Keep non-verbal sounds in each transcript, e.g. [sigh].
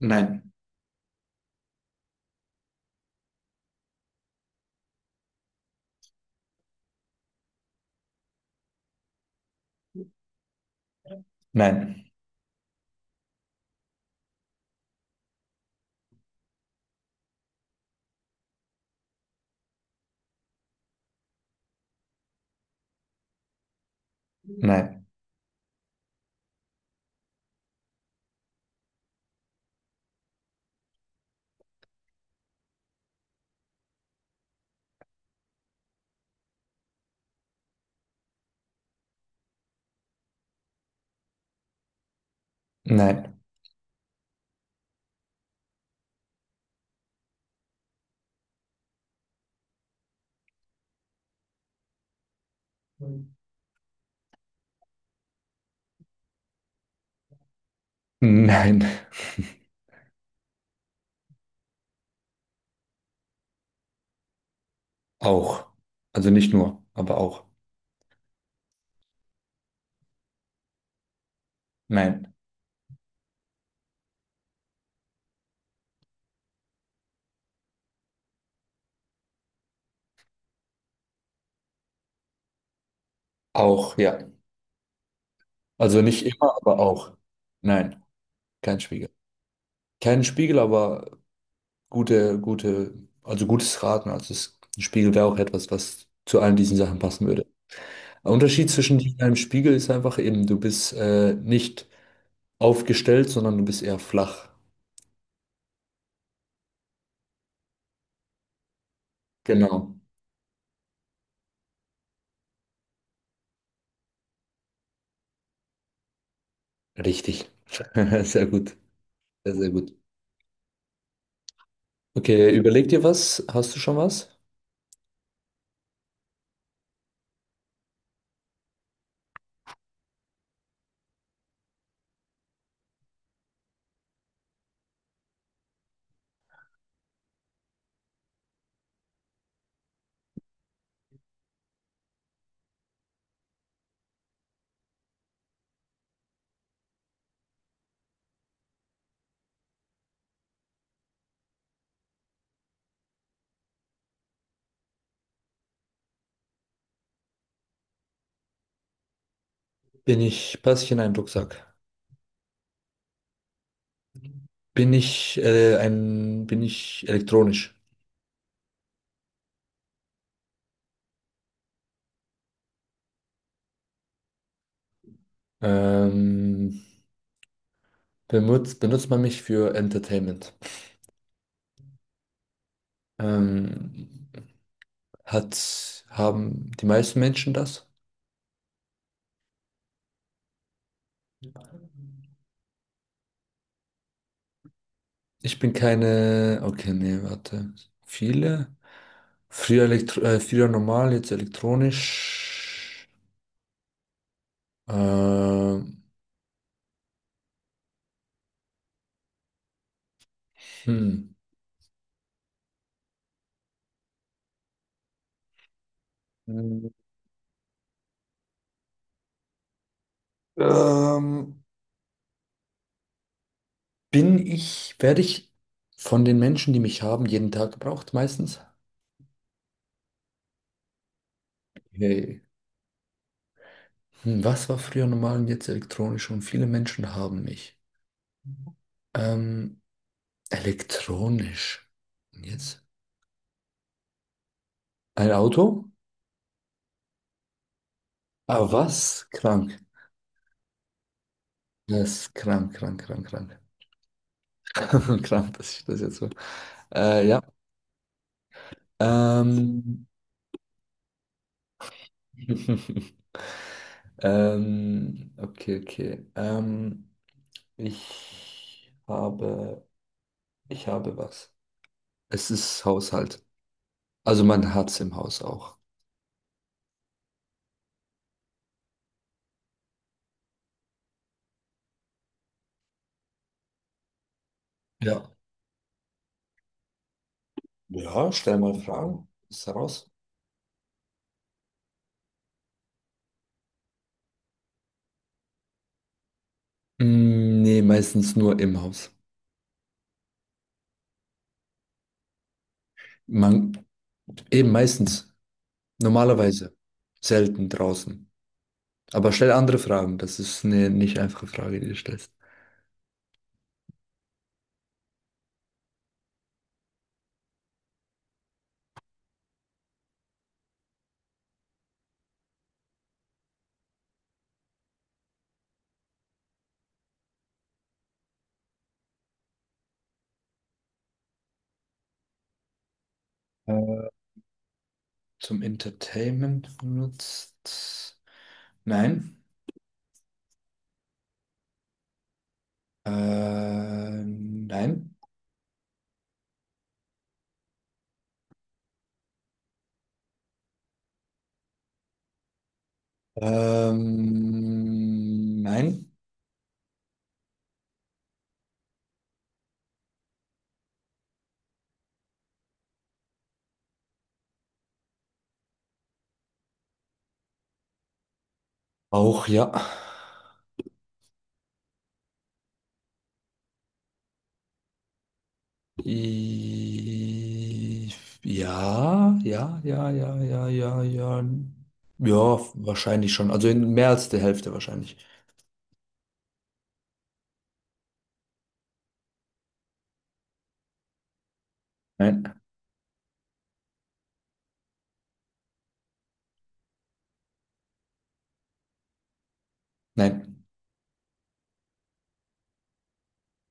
Nein, nein, nein, nein, nein. [laughs] Auch. Also nicht nur, aber auch. Nein. Auch, ja. Also nicht immer, aber auch. Nein, kein Spiegel. Kein Spiegel, aber gute, gute, also gutes Raten. Also ein Spiegel wäre auch etwas, was zu allen diesen Sachen passen würde. Der Unterschied zwischen dir und einem Spiegel ist einfach eben, du bist nicht aufgestellt, sondern du bist eher flach. Genau. Richtig. [laughs] Sehr gut. Sehr, sehr gut. Okay, überleg dir was. Hast du schon was? Passe ich in einen Rucksack? Bin ich elektronisch? Ähm, benutzt man mich für Entertainment? Ähm, haben die meisten Menschen das? Ich bin keine, okay, nee, warte. Viele? Früher normal, jetzt elektronisch. Ähm, hm. Ähm, werde ich von den Menschen, die mich haben, jeden Tag gebraucht meistens? Hey. Was war früher normal und jetzt elektronisch, und viele Menschen haben mich. Ähm, Elektronisch. Und jetzt? Ein Auto? Ah, was? Krank. Das ist krank, krank, krank, krank. [laughs] Krank, dass ich das jetzt so. Ja. Ähm, [laughs] okay, okay. Ich habe, ich habe was. Es ist Haushalt. Also man hat es im Haus auch. Ja. Ja, stell mal Fragen. Ist heraus. Mm, nee, meistens nur im Haus. Man, eben meistens. Normalerweise. Selten draußen. Aber stell andere Fragen. Das ist eine nicht einfache Frage, die du stellst. Äh, zum Entertainment benutzt? Nein. Nein. Nein. Auch, ja. I- Ja, ja, ja, ja, ja, ja, ja. Ja, wahrscheinlich schon. Also in mehr als der Hälfte wahrscheinlich. Nein, nein.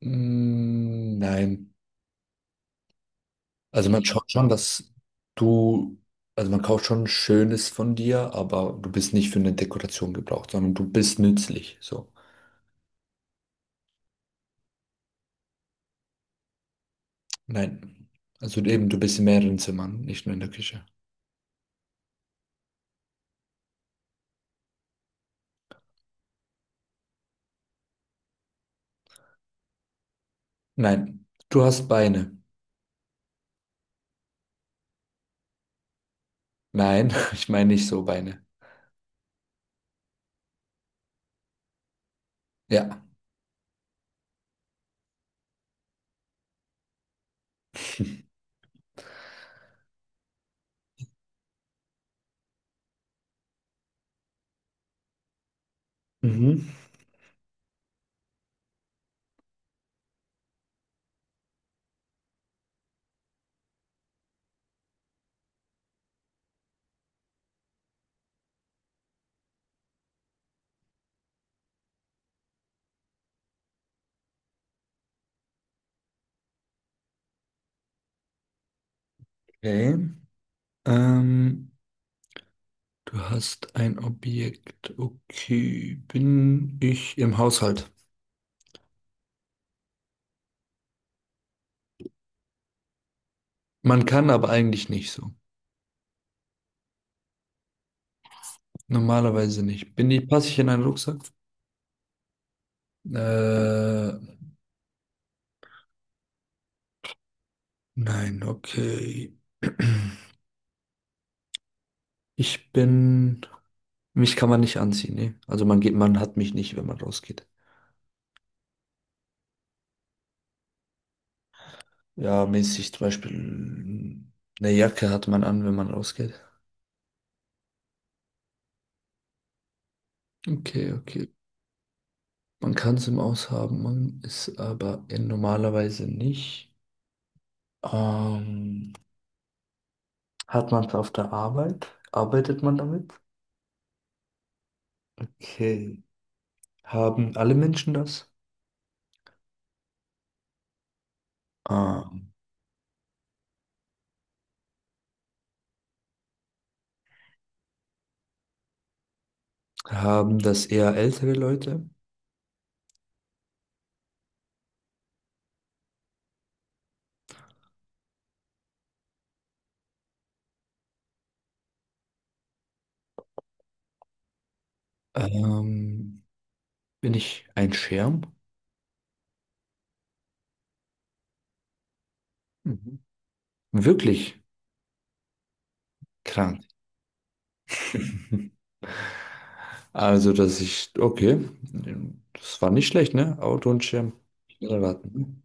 Mm, nein. Also man schaut schon, dass du, also man kauft schon Schönes von dir, aber du bist nicht für eine Dekoration gebraucht, sondern du bist nützlich. So. Nein. Also eben, du bist in mehreren Zimmern, nicht nur in der Küche. Nein. Du hast Beine. Nein, [laughs] ich meine nicht so Beine. Ja. Mhm. Okay. Ähm, Du hast ein Objekt. Okay, bin ich im Haushalt? Man kann, aber eigentlich nicht so. Normalerweise nicht. Passe ich in einen Rucksack? Äh, nein, okay. Ich bin. Mich kann man nicht anziehen, ne? Also man hat mich nicht, wenn man rausgeht. Ja, mäßig zum Beispiel eine Jacke hat man an, wenn man rausgeht. Okay, okay, man kann es im Aus haben, man ist aber in normalerweise nicht. Ähm, hat man es auf der Arbeit? Arbeitet man damit? Okay. Haben alle Menschen das? Ähm, haben das eher ältere Leute? Ähm, bin ich ein Schirm? Mhm. Wirklich krank. [laughs] Also, okay, das war nicht schlecht, ne? Auto und Schirm. Schnell raten.